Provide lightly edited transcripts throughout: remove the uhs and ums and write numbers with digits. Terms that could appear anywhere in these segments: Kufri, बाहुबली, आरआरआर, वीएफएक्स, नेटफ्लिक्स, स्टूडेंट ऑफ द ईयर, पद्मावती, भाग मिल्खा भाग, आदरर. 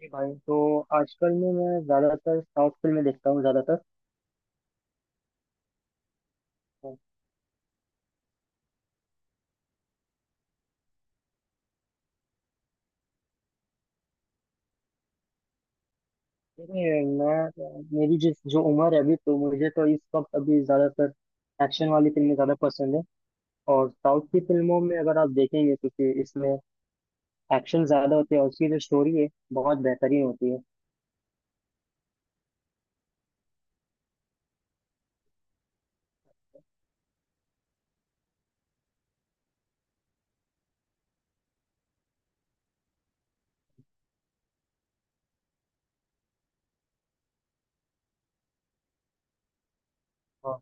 जी भाई। तो आजकल में मैं ज़्यादातर साउथ फिल्में देखता हूँ ज़्यादातर तो। ये मैं मेरी जिस जो उम्र है अभी तो मुझे तो इस वक्त अभी ज़्यादातर एक्शन वाली फिल्में ज़्यादा पसंद है। और साउथ की फिल्मों में अगर आप देखेंगे, क्योंकि इसमें एक्शन ज़्यादा होते हैं और उसकी जो स्टोरी है बहुत बेहतरीन होती है। हाँ,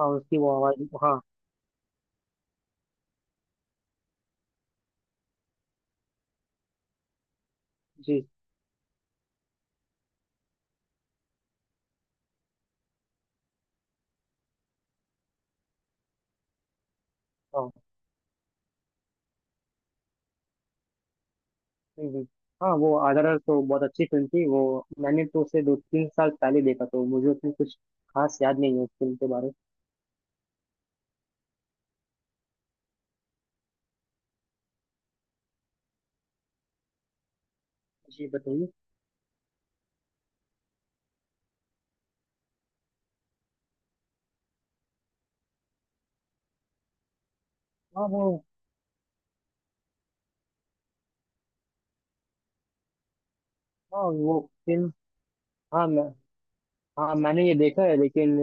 हाँ, उसकी वो आवाज़। हाँ जी। हाँ, जी जी। हाँ, वो आदरर तो बहुत अच्छी फिल्म थी वो। मैंने तो उसे 2 3 साल पहले देखा, तो मुझे उतनी कुछ खास याद नहीं है उस फिल्म के बारे में। जी, बताइए। हाँ, वो। हाँ, वो फिल्म। हाँ, मैं। हाँ, मैंने ये देखा है लेकिन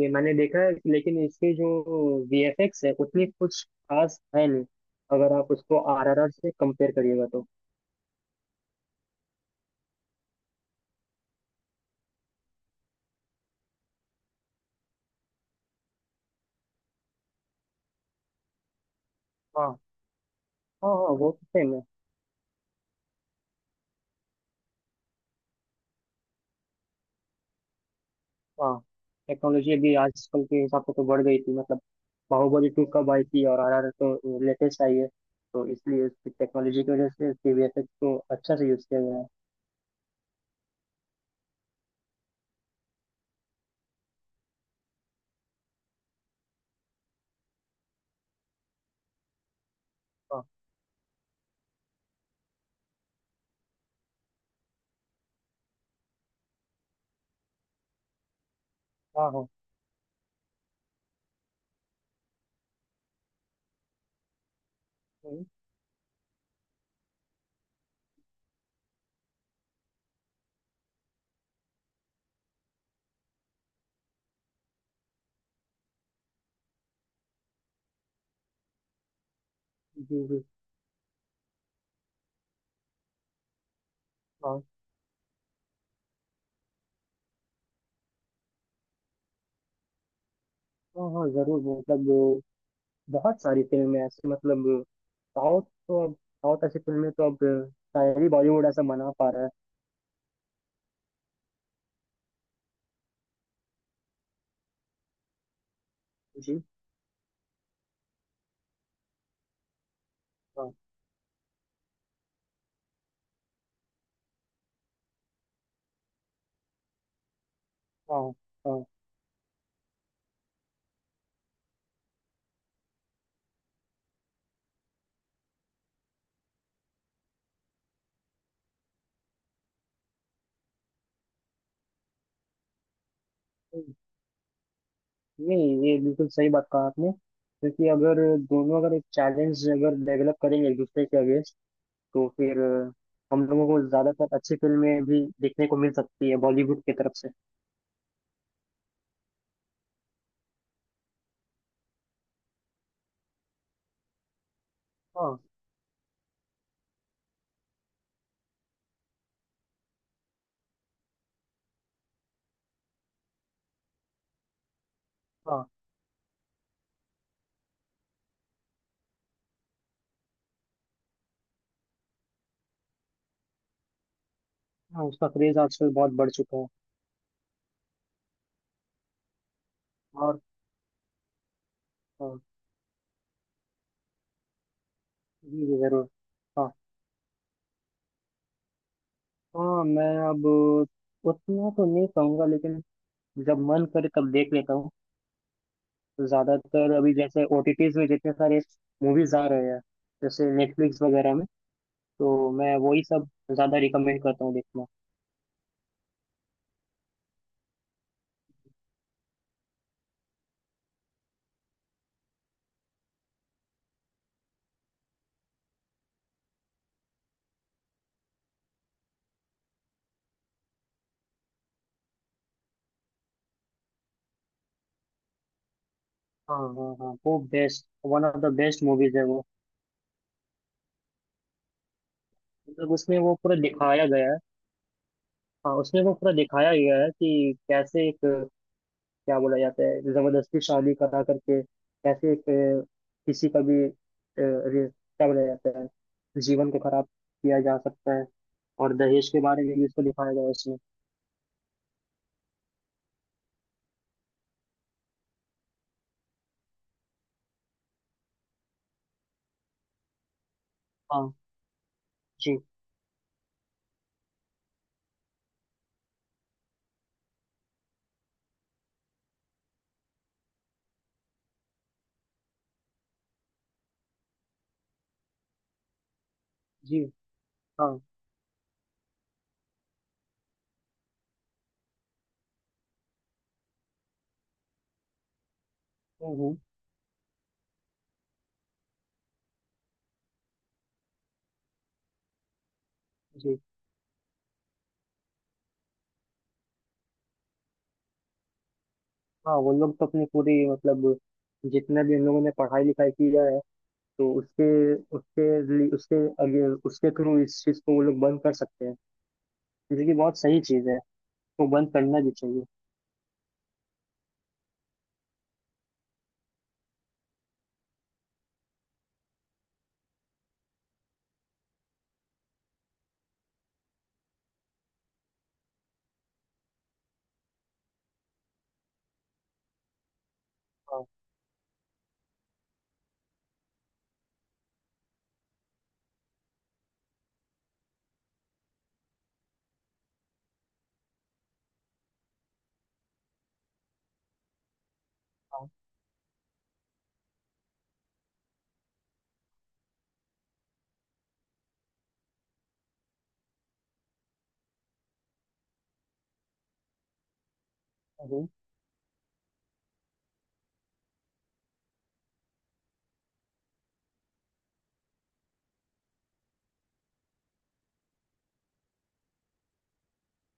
ये मैंने देखा है लेकिन इसके जो वीएफएक्स है उतनी कुछ खास है नहीं। अगर आप उसको आरआरआर से कंपेयर करिएगा तो। हाँ, हाँ, हाँ, वो तो सेम है। हाँ, टेक्नोलॉजी अभी आजकल के हिसाब से तो बढ़ गई थी मतलब। बाहुबली 2 कब आई थी और आरआरआर तो लेटेस्ट आई है, तो इसलिए उसकी टेक्नोलॉजी की वजह से उसके वीएफएक्स को अच्छा से यूज किया गया है। हाँ, हाँ, हाँ, हम्म, जी जी। हाँ, हाँ, हाँ, जरूर। मतलब बहुत सारी फिल्में ऐसी मतलब। साउथ तो अब साउथ ऐसी फिल्में तो अब शायद ही बॉलीवुड ऐसा बना पा रहा है। जी। हाँ, हाँ, हाँ। नहीं, ये बिल्कुल सही बात कहा आपने। क्योंकि अगर दोनों अगर एक चैलेंज अगर डेवलप करेंगे एक दूसरे के अगेंस्ट, तो फिर हम लोगों को ज्यादातर अच्छी फिल्में भी देखने को मिल सकती है बॉलीवुड की तरफ से। हाँ, हाँ, हाँ, उसका क्रेज आजकल बहुत बढ़ चुका है। और हाँ, जी जी, जरूर। हाँ, हाँ, मैं अब उतना तो नहीं कहूँगा लेकिन जब मन करे तब देख लेता हूँ। ज्यादातर अभी जैसे ओटीटीज में जितने सारे मूवीज आ रहे हैं, जैसे नेटफ्लिक्स वगैरह में, तो मैं वही सब ज्यादा रिकमेंड करता हूँ देखना। हाँ, हाँ, हाँ, वो best one of the best movies है वो। मतलब उसमें वो पूरा दिखाया गया है। हाँ, उसमें वो पूरा दिखाया गया है कि कैसे एक क्या बोला जाता है, जबरदस्ती शादी करा करके कैसे एक, किसी का भी रे- क्या बोला जाता है, जीवन को खराब किया जा सकता है। और दहेज के बारे में भी इसको दिखाया गया है इसमें। हाँ, जी जी, हाँ, हम्म, जी। हाँ, वो लोग तो अपनी पूरी मतलब, जितने भी उन लोगों ने पढ़ाई लिखाई की है तो उसके उसके लिए उसके आगे उसके थ्रू इस चीज़ को वो लोग बंद कर सकते हैं। जो कि बहुत सही चीज़ है, वो बंद करना भी चाहिए। हाँ, हाँ, हम्म,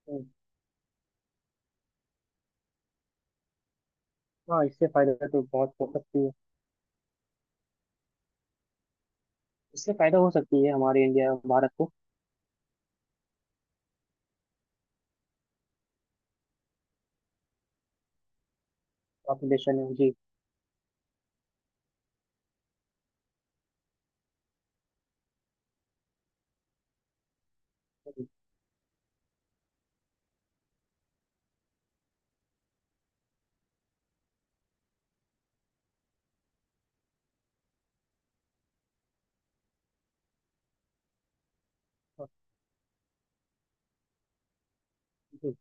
हम्म। हाँ, इससे फायदा तो बहुत हो सकती है। इससे फायदा हो सकती है हमारे इंडिया भारत को। पॉपुलेशन में जी, जी।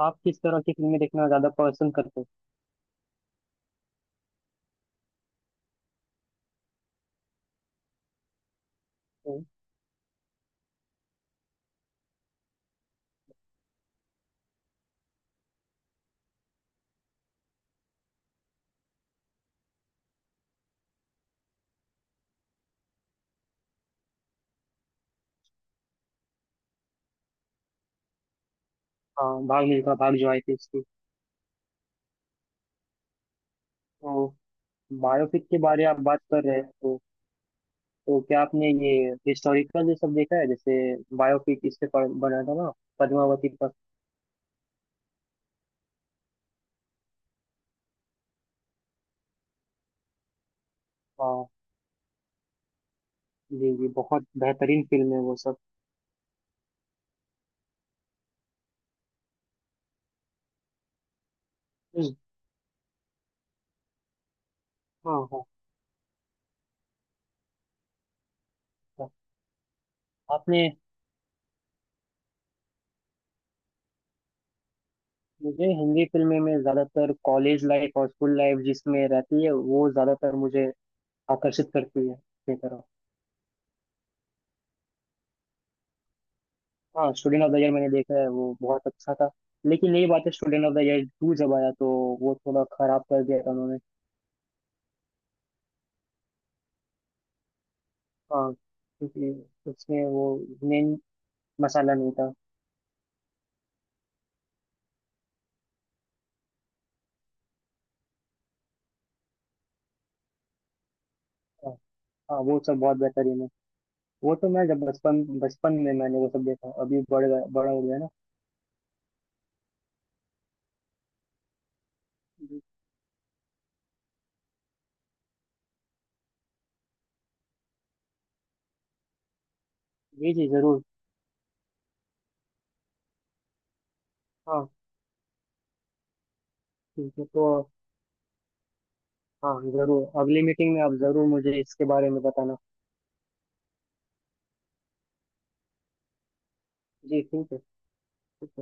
आप किस तरह की फिल्में देखना ज्यादा पसंद करते हो? हाँ, भाग मिल्खा भाग जो आई थी इसकी, तो बायोपिक के बारे में आप बात कर रहे हैं, तो क्या आपने ये हिस्टोरिकल ये सब देखा है? जैसे बायोपिक इस पे बना था ना, पद्मावती पर। हाँ जी, जी बहुत बेहतरीन फिल्म है वो सब। हम्म, हाँ, हाँ, हाँ। आपने मुझे हिंदी फिल्में में ज्यादातर कॉलेज लाइफ और स्कूल लाइफ जिसमें रहती है वो ज्यादातर मुझे आकर्षित करती है अपनी तरफ। हाँ, स्टूडेंट ऑफ द ईयर मैंने देखा है, वो बहुत अच्छा था। लेकिन यही बात है, स्टूडेंट ऑफ द ईयर 2 जब आया तो वो थोड़ा खराब कर दिया था उन्होंने। हाँ, क्योंकि उसमें वो मेन मसाला नहीं था। हाँ, हाँ, वो सब बहुत बेहतरीन है। वो तो मैं जब बचपन बचपन में मैंने वो सब देखा, अभी बड़ा हो गया ना। जी, जी, जरूर, हाँ। ठीक है, तो हाँ, जरूर अगली मीटिंग में आप जरूर मुझे इसके बारे में बताना। जी, ठीक है।